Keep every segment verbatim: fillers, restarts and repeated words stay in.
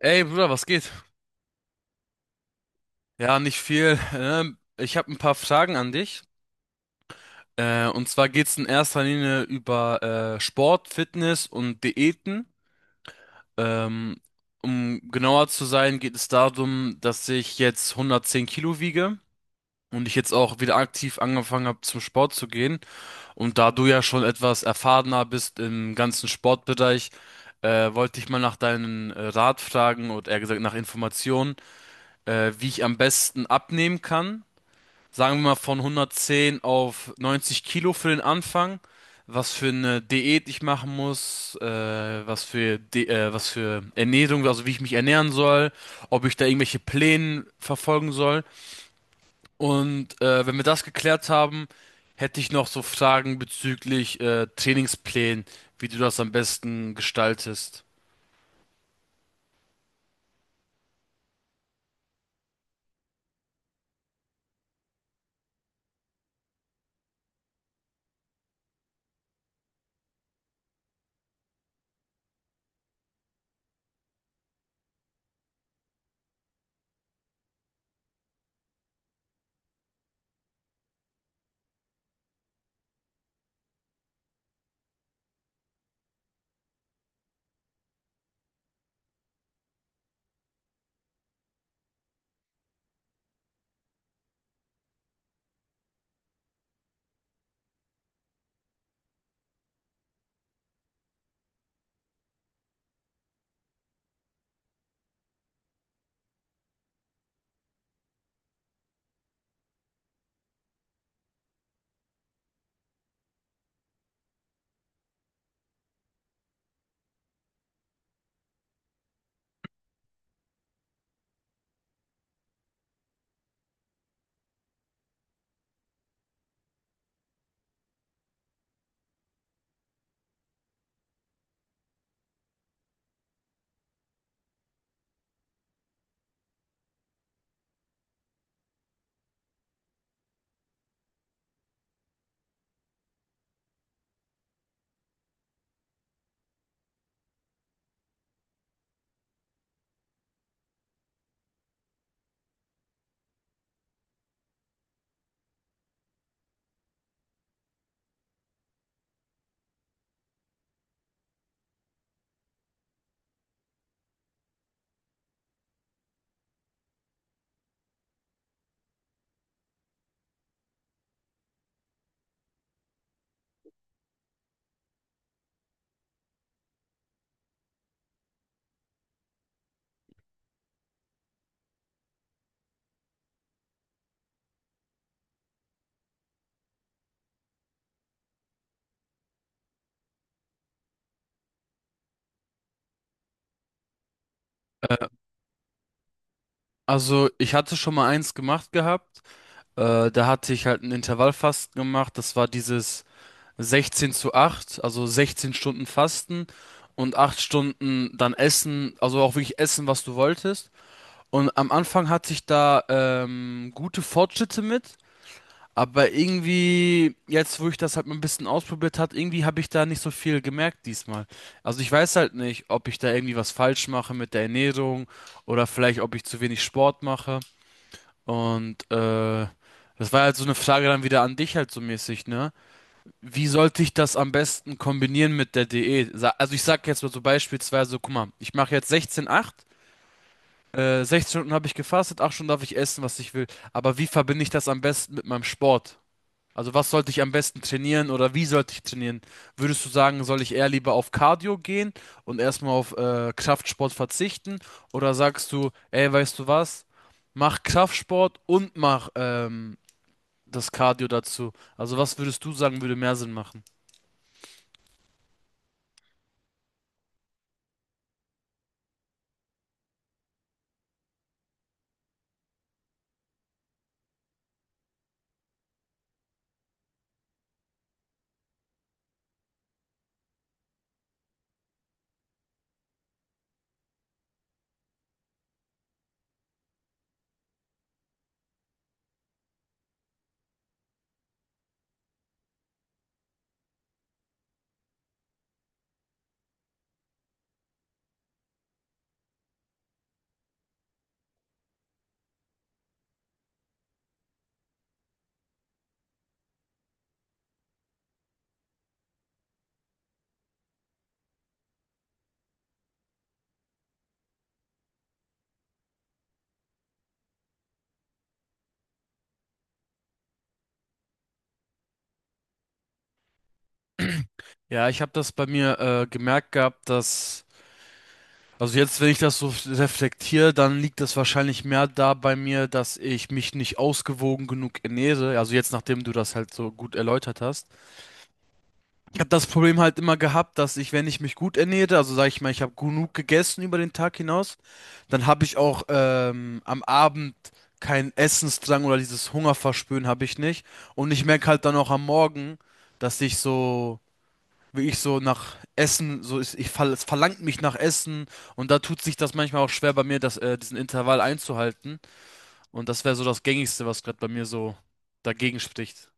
Ey, Bruder, was geht? Ja, nicht viel. Ähm, ich habe ein paar Fragen an dich. Äh, und zwar geht's in erster Linie über äh, Sport, Fitness und Diäten. Ähm, um genauer zu sein, geht es darum, dass ich jetzt hundertzehn Kilo wiege und ich jetzt auch wieder aktiv angefangen habe, zum Sport zu gehen. Und da du ja schon etwas erfahrener bist im ganzen Sportbereich, äh, wollte ich mal nach deinen äh, Rat fragen oder eher gesagt nach Informationen, äh, wie ich am besten abnehmen kann, sagen wir mal von hundertzehn auf neunzig Kilo für den Anfang, was für eine Diät ich machen muss, äh, was für De äh, was für Ernährung, also wie ich mich ernähren soll, ob ich da irgendwelche Pläne verfolgen soll. Und äh, wenn wir das geklärt haben, hätte ich noch so Fragen bezüglich äh, Trainingsplänen, wie du das am besten gestaltest. Äh, Also ich hatte schon mal eins gemacht gehabt. Äh, da hatte ich halt ein Intervallfasten gemacht. Das war dieses sechzehn zu acht, also sechzehn Stunden Fasten und acht Stunden dann Essen, also auch wirklich essen, was du wolltest. Und am Anfang hatte ich da ähm, gute Fortschritte mit, aber irgendwie, jetzt wo ich das halt mal ein bisschen ausprobiert hat, irgendwie habe ich da nicht so viel gemerkt diesmal. Also ich weiß halt nicht, ob ich da irgendwie was falsch mache mit der Ernährung oder vielleicht, ob ich zu wenig Sport mache. Und äh, das war halt so eine Frage dann wieder an dich halt so mäßig, ne? Wie sollte ich das am besten kombinieren mit der Diät? Sa- Also ich sag jetzt mal so beispielsweise, guck mal, ich mache jetzt sechzehn acht, äh, sechzehn Stunden habe ich gefastet, acht Stunden darf ich essen, was ich will. Aber wie verbinde ich das am besten mit meinem Sport? Also was sollte ich am besten trainieren oder wie sollte ich trainieren? Würdest du sagen, soll ich eher lieber auf Cardio gehen und erstmal auf äh, Kraftsport verzichten? Oder sagst du, ey, weißt du was? Mach Kraftsport und mach ähm, das Cardio dazu. Also was würdest du sagen, würde mehr Sinn machen? Ja, ich habe das bei mir äh, gemerkt gehabt, dass, also jetzt, wenn ich das so reflektiere, dann liegt das wahrscheinlich mehr da bei mir, dass ich mich nicht ausgewogen genug ernähre. Also jetzt, nachdem du das halt so gut erläutert hast. Ich habe das Problem halt immer gehabt, dass ich, wenn ich mich gut ernähre, also sage ich mal, ich habe genug gegessen über den Tag hinaus, dann habe ich auch ähm, am Abend keinen Essensdrang oder dieses Hungerverspüren habe ich nicht. Und ich merke halt dann auch am Morgen, dass ich so wie ich so nach Essen, so ist, ich fall, es verlangt mich nach Essen und da tut sich das manchmal auch schwer bei mir, das, äh, diesen Intervall einzuhalten. Und das wäre so das Gängigste, was gerade bei mir so dagegen spricht.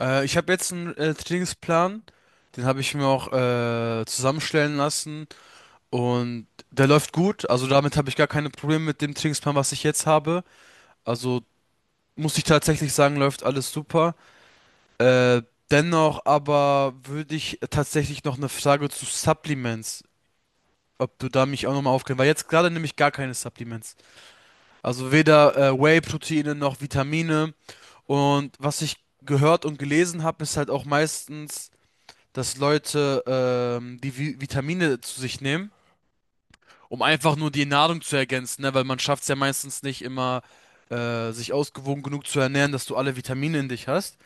Äh, ich habe jetzt einen äh, Trainingsplan, den habe ich mir auch äh, zusammenstellen lassen und der läuft gut. Also damit habe ich gar keine Probleme mit dem Trainingsplan, was ich jetzt habe. Also muss ich tatsächlich sagen, läuft alles super. Äh, dennoch aber würde ich tatsächlich noch eine Frage zu Supplements, ob du da mich auch nochmal aufklären, weil jetzt gerade nehme ich gar keine Supplements. Also weder äh, Whey-Proteine noch Vitamine. Und was ich gehört und gelesen habe, ist halt auch meistens, dass Leute ähm, die Vi Vitamine zu sich nehmen, um einfach nur die Nahrung zu ergänzen, ne? Weil man schafft es ja meistens nicht immer, äh, sich ausgewogen genug zu ernähren, dass du alle Vitamine in dich hast.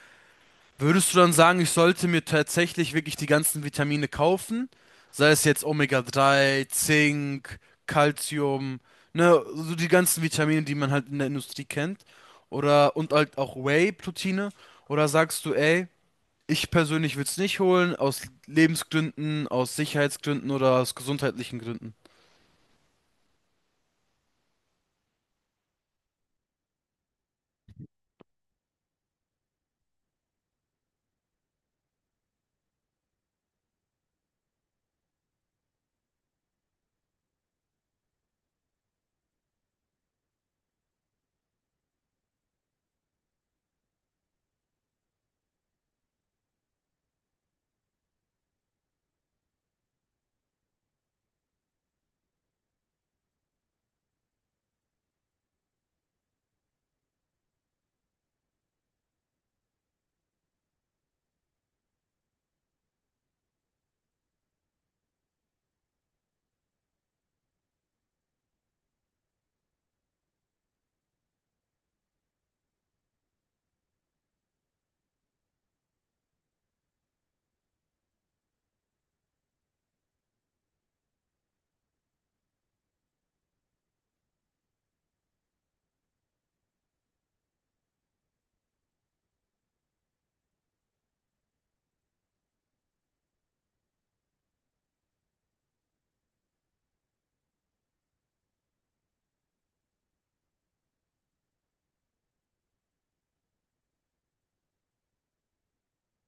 Würdest du dann sagen, ich sollte mir tatsächlich wirklich die ganzen Vitamine kaufen? Sei es jetzt Omega drei, Zink, Calcium, ne, so die ganzen Vitamine, die man halt in der Industrie kennt. Oder, und halt auch Whey-Proteine. Oder sagst du, ey, ich persönlich würde es nicht holen, aus Lebensgründen, aus Sicherheitsgründen oder aus gesundheitlichen Gründen?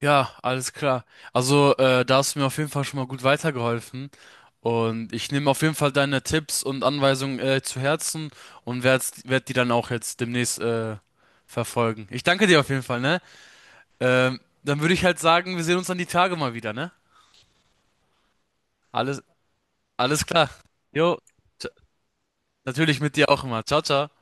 Ja, alles klar. Also, äh, da hast du mir auf jeden Fall schon mal gut weitergeholfen. Und ich nehme auf jeden Fall deine Tipps und Anweisungen äh, zu Herzen und werde werd die dann auch jetzt demnächst äh, verfolgen. Ich danke dir auf jeden Fall, ne? Ähm, dann würde ich halt sagen, wir sehen uns dann die Tage mal wieder, ne? Alles, alles klar. Jo, t- natürlich mit dir auch immer. Ciao, ciao.